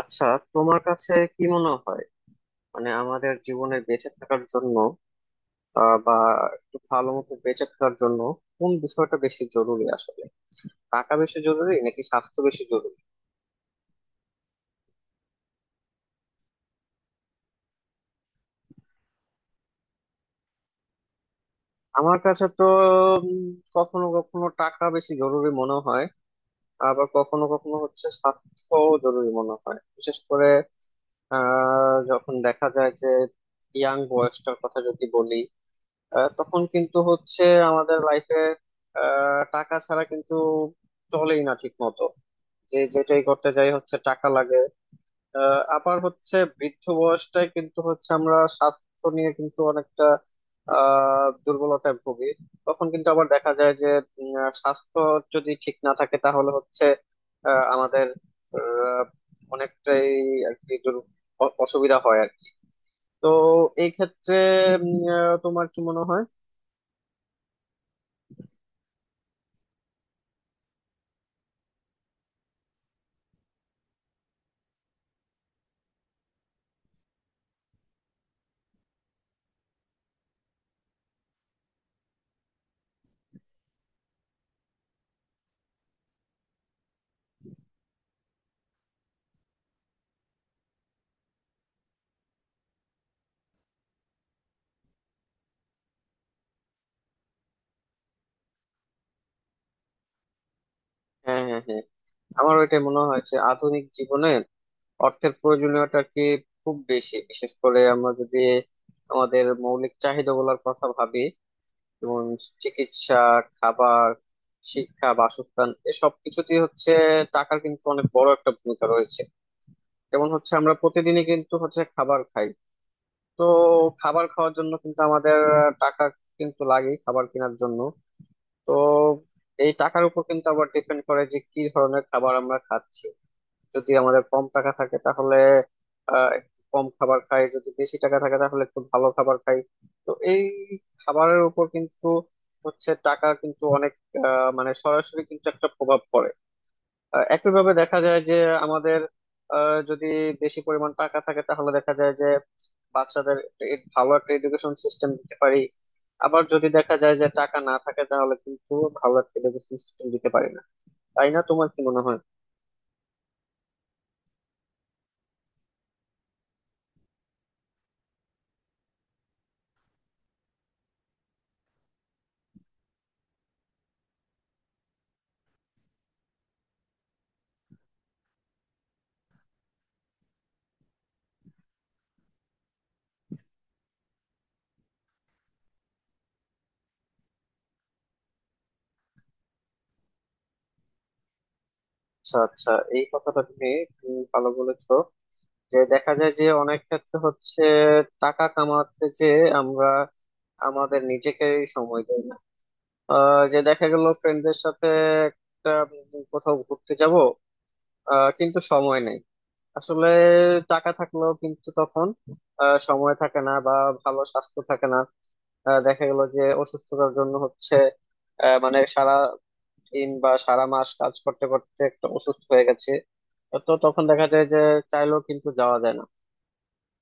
আচ্ছা, তোমার কাছে কি মনে হয়? মানে আমাদের জীবনে বেঁচে থাকার জন্য, বা একটু ভালো মতো বেঁচে থাকার জন্য কোন বিষয়টা বেশি জরুরি আসলে? টাকা বেশি জরুরি নাকি স্বাস্থ্য বেশি জরুরি? আমার কাছে তো উম, কখনো কখনো টাকা বেশি জরুরি মনে হয়, আবার কখনো কখনো হচ্ছে স্বাস্থ্য জরুরি মনে হয়। বিশেষ করে যখন দেখা যায় যে ইয়াং বয়সটার কথা যদি বলি, তখন কিন্তু হচ্ছে আমাদের লাইফে টাকা ছাড়া কিন্তু চলেই না ঠিক মতো। যে যেটাই করতে যাই হচ্ছে টাকা লাগে। আবার হচ্ছে বৃদ্ধ বয়সটায় কিন্তু হচ্ছে আমরা স্বাস্থ্য নিয়ে কিন্তু অনেকটা দুর্বলতায় ভুগি। তখন কিন্তু আবার দেখা যায় যে স্বাস্থ্য যদি ঠিক না থাকে তাহলে হচ্ছে আমাদের আহ, অনেকটাই আর কি অসুবিধা হয় আর কি। তো এই ক্ষেত্রে তোমার কি মনে হয়? হ্যাঁ, হ্যাঁ, হ্যাঁ। আমার ওইটাই মনে হয় যে আধুনিক জীবনে অর্থের প্রয়োজনীয়তা কি খুব বেশি। বিশেষ করে আমরা যদি আমাদের মৌলিক চাহিদা গুলার কথা ভাবি, যেমন চিকিৎসা, খাবার, শিক্ষা, বাসস্থান, এসব কিছুতেই হচ্ছে টাকার কিন্তু অনেক বড় একটা ভূমিকা রয়েছে। যেমন হচ্ছে আমরা প্রতিদিনই কিন্তু হচ্ছে খাবার খাই। তো খাবার খাওয়ার জন্য কিন্তু আমাদের টাকা কিন্তু লাগে খাবার কেনার জন্য। তো এই টাকার উপর কিন্তু আবার ডিপেন্ড করে যে কি ধরনের খাবার আমরা খাচ্ছি। যদি আমাদের কম টাকা থাকে তাহলে একটু কম খাবার খাই, যদি বেশি টাকা থাকে তাহলে একটু ভালো খাবার খাই। তো এই খাবারের উপর কিন্তু হচ্ছে টাকা কিন্তু অনেক মানে সরাসরি কিন্তু একটা প্রভাব পড়ে। একইভাবে দেখা যায় যে আমাদের যদি বেশি পরিমাণ টাকা থাকে তাহলে দেখা যায় যে বাচ্চাদের একটা ভালো একটা এডুকেশন সিস্টেম দিতে পারি। আবার যদি দেখা যায় যে টাকা না থাকে তাহলে কিন্তু ভালো একটা এডুকেশন সিস্টেম দিতে পারি না। তাই না? তোমার কি মনে হয়? আচ্ছা, আচ্ছা। এই কথাটা তুমি তুমি ভালো বলেছো। যে দেখা যায় যে অনেক ক্ষেত্রে হচ্ছে টাকা কামাতে যে আমরা আমাদের নিজেকে সময় দেই না। যে দেখা গেল ফ্রেন্ডদের সাথে একটা কোথাও ঘুরতে যাব, কিন্তু সময় নেই আসলে। টাকা থাকলেও কিন্তু তখন সময় থাকে না বা ভালো স্বাস্থ্য থাকে না। দেখা গেল যে অসুস্থতার জন্য হচ্ছে মানে সারা দিন বা সারা মাস কাজ করতে করতে একটা অসুস্থ হয়ে গেছে। তো তখন দেখা যায় যে চাইলেও কিন্তু যাওয়া যায় না।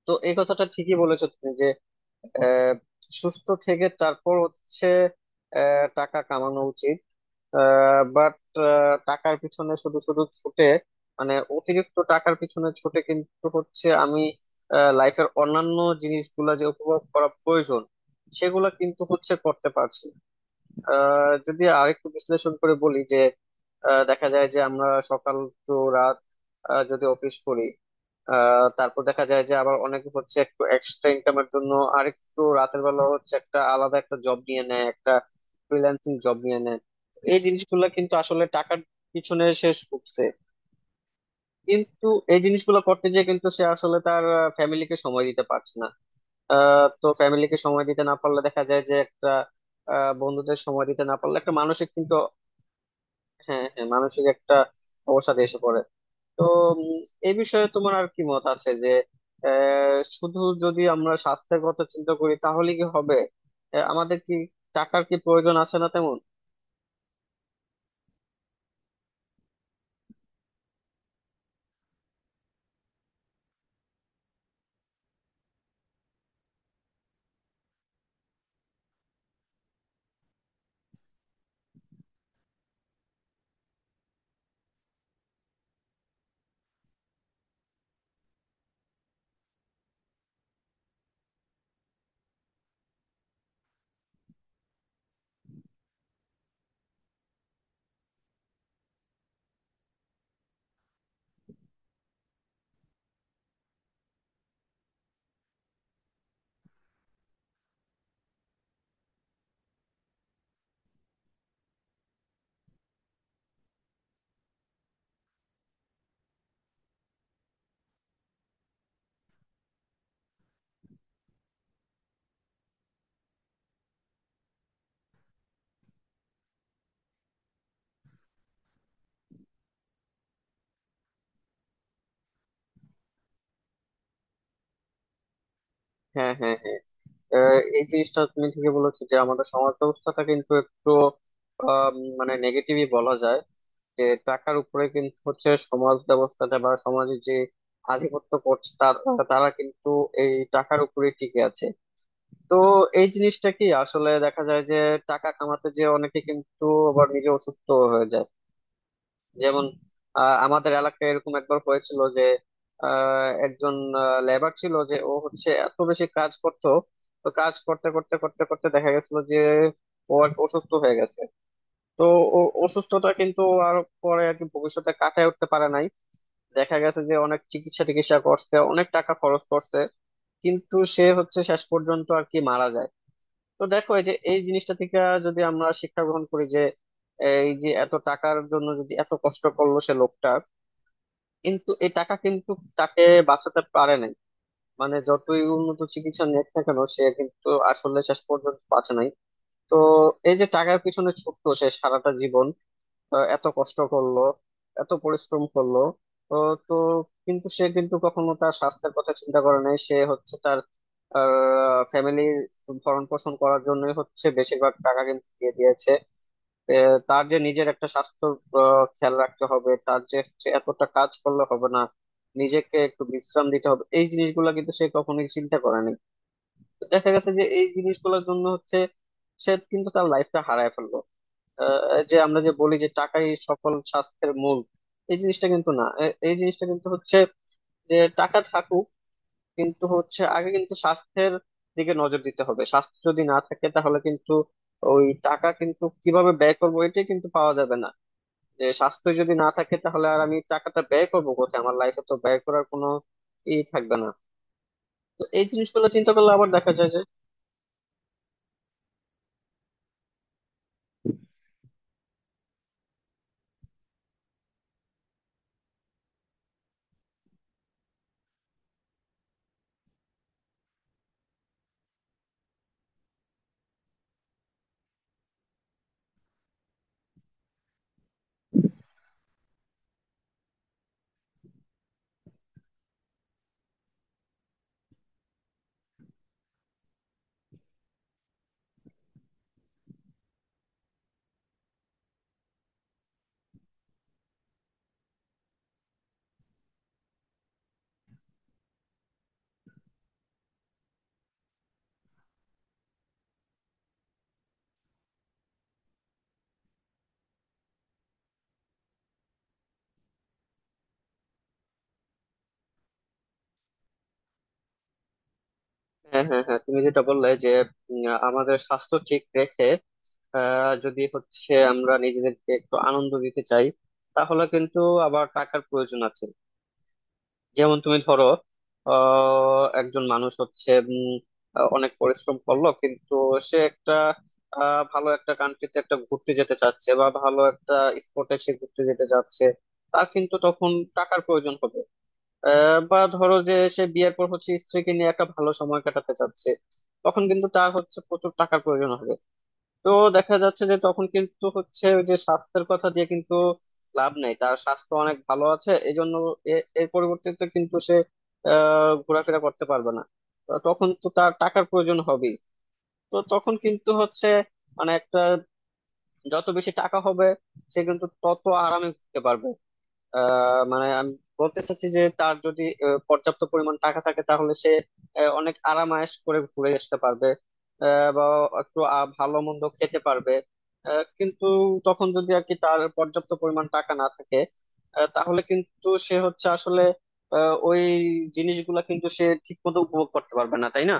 তো এই কথাটা ঠিকই বলেছো তুমি যে আহ, সুস্থ থেকে তারপর হচ্ছে টাকা কামানো উচিত। বাট টাকার পিছনে শুধু শুধু ছুটে, মানে অতিরিক্ত টাকার পিছনে ছুটে কিন্তু হচ্ছে আমি লাইফের অন্যান্য জিনিসগুলা যে উপভোগ করা প্রয়োজন সেগুলা কিন্তু হচ্ছে করতে পারছি না। যদি আরেকটু বিশ্লেষণ করে বলি যে দেখা যায় যে আমরা সকাল টু রাত যদি অফিস করি, তারপর দেখা যায় যে আবার অনেকে হচ্ছে একটু এক্সট্রা ইনকামের জন্য আরেকটু রাতের বেলা হচ্ছে একটা আলাদা একটা জব নিয়ে নেয়, একটা ফ্রিল্যান্সিং জব নিয়ে নেয়। এই জিনিসগুলো কিন্তু আসলে টাকার পিছনে শেষ করছে। কিন্তু এই জিনিসগুলো করতে গিয়ে কিন্তু সে আসলে তার ফ্যামিলিকে সময় দিতে পারছে না। তো ফ্যামিলিকে সময় দিতে না পারলে দেখা যায় যে একটা বন্ধুদের সময় দিতে না পারলে একটা মানসিক। হ্যাঁ, হ্যাঁ, মানসিক একটা অবসাদ এসে পড়ে। তো উম, এই বিষয়ে তোমার আর কি মত আছে যে শুধু যদি আমরা স্বাস্থ্যের কথা চিন্তা করি তাহলে কি হবে? আমাদের কি টাকার কি প্রয়োজন আছে না তেমন? হ্যাঁ, হ্যাঁ, হ্যাঁ। এই জিনিসটা তুমি ঠিকই বলেছো যে আমাদের সমাজ ব্যবস্থাটা কিন্তু একটু মানে নেগেটিভই বলা যায়। যে টাকার উপরে কিন্তু হচ্ছে সমাজ ব্যবস্থাটা, বা সমাজের যে আধিপত্য করছে তারা তারা কিন্তু এই টাকার উপরে টিকে আছে। তো এই জিনিসটা কি আসলে দেখা যায় যে টাকা কামাতে যে অনেকে কিন্তু আবার নিজে অসুস্থ হয়ে যায়। যেমন আমাদের এলাকায় এরকম একবার হয়েছিল যে একজন লেবার ছিল যে ও হচ্ছে এত বেশি কাজ করতো। তো কাজ করতে করতে করতে করতে দেখা গেছিল যে ও আর কি অসুস্থ হয়ে গেছে। তো ও অসুস্থতা কিন্তু আর পরে আর কি ভবিষ্যতে কাটায় উঠতে পারে নাই। দেখা গেছে যে অনেক চিকিৎসা টিকিৎসা করছে, অনেক টাকা খরচ করছে, কিন্তু সে হচ্ছে শেষ পর্যন্ত আর কি মারা যায়। তো দেখো এই যে এই জিনিসটা থেকে যদি আমরা শিক্ষা গ্রহণ করি যে এই যে এত টাকার জন্য যদি এত কষ্ট করলো সে লোকটা, কিন্তু এই টাকা কিন্তু তাকে বাঁচাতে পারে নাই। মানে যতই উন্নত চিকিৎসা নিক না কেন সে কিন্তু আসলে শেষ পর্যন্ত বাঁচে নাই। তো এই যে টাকার পিছনে ছুটলো সে সারাটা জীবন, এত কষ্ট করলো, এত পরিশ্রম করলো। তো তো কিন্তু সে কিন্তু কখনো তার স্বাস্থ্যের কথা চিন্তা করে নাই। সে হচ্ছে তার ফ্যামিলি ভরণ পোষণ করার জন্যই হচ্ছে বেশিরভাগ টাকা কিন্তু দিয়ে দিয়েছে। এ, তার যে নিজের একটা স্বাস্থ্য খেয়াল রাখতে হবে, তার যে সে এতটা কাজ করলে হবে না, নিজেকে একটু বিশ্রাম দিতে হবে, এই জিনিসগুলো কিন্তু সে কখনোই চিন্তা করেনি। তো দেখা গেছে যে এই জিনিসগুলোর জন্য হচ্ছে সে কিন্তু তার লাইফটা হারায় ফেললো। যে আমরা যে বলি যে টাকাই সকল স্বাস্থ্যের মূল, এই জিনিসটা কিন্তু না। এই জিনিসটা কিন্তু হচ্ছে যে টাকা থাকুক, কিন্তু হচ্ছে আগে কিন্তু স্বাস্থ্যের দিকে নজর দিতে হবে। স্বাস্থ্য যদি না থাকে তাহলে কিন্তু ওই টাকা কিন্তু কিভাবে ব্যয় করবো এটাই কিন্তু পাওয়া যাবে না। যে স্বাস্থ্য যদি না থাকে তাহলে আর আমি টাকাটা ব্যয় করবো কোথায়? আমার লাইফে তো ব্যয় করার কোনো ই থাকবে না। তো এই জিনিসগুলো চিন্তা করলে আবার দেখা যায় যে। হ্যাঁ, হ্যাঁ, হ্যাঁ। তুমি যেটা বললে যে উম, আমাদের স্বাস্থ্য ঠিক রেখে যদি হচ্ছে আমরা নিজেদেরকে একটু আনন্দ দিতে চাই তাহলে কিন্তু আবার টাকার প্রয়োজন আছে। যেমন তুমি ধরো একজন মানুষ হচ্ছে অনেক পরিশ্রম করলো, কিন্তু সে একটা ভালো একটা কান্ট্রিতে একটা ঘুরতে যেতে চাচ্ছে বা ভালো একটা স্পটে সে ঘুরতে যেতে চাচ্ছে। তার কিন্তু তখন টাকার প্রয়োজন হবে। বা ধরো যে সে বিয়ের পর হচ্ছে স্ত্রীকে নিয়ে একটা ভালো সময় কাটাতে চাচ্ছে, তখন কিন্তু তার হচ্ছে প্রচুর টাকার প্রয়োজন হবে। তো দেখা যাচ্ছে যে তখন কিন্তু হচ্ছে ওই যে স্বাস্থ্যের কথা দিয়ে কিন্তু লাভ নেই, তার স্বাস্থ্য অনেক ভালো আছে এই জন্য এর পরিবর্তে কিন্তু সে ঘোরাফেরা করতে পারবে না। তো তখন তো তার টাকার প্রয়োজন হবেই। তো তখন কিন্তু হচ্ছে মানে একটা, যত বেশি টাকা হবে সে কিন্তু তত আরামে ঘুরতে পারবে। মানে আমি বলতে চাচ্ছি যে তার যদি পর্যাপ্ত পরিমাণ টাকা থাকে তাহলে সে অনেক আরামায়েশ করে ঘুরে আসতে পারবে। বা একটু ভালো মন্দ খেতে পারবে। কিন্তু তখন যদি আর কি তার পর্যাপ্ত পরিমাণ টাকা না থাকে, তাহলে কিন্তু সে হচ্ছে আসলে ওই জিনিসগুলা কিন্তু সে ঠিক মতো উপভোগ করতে পারবে না, তাই না?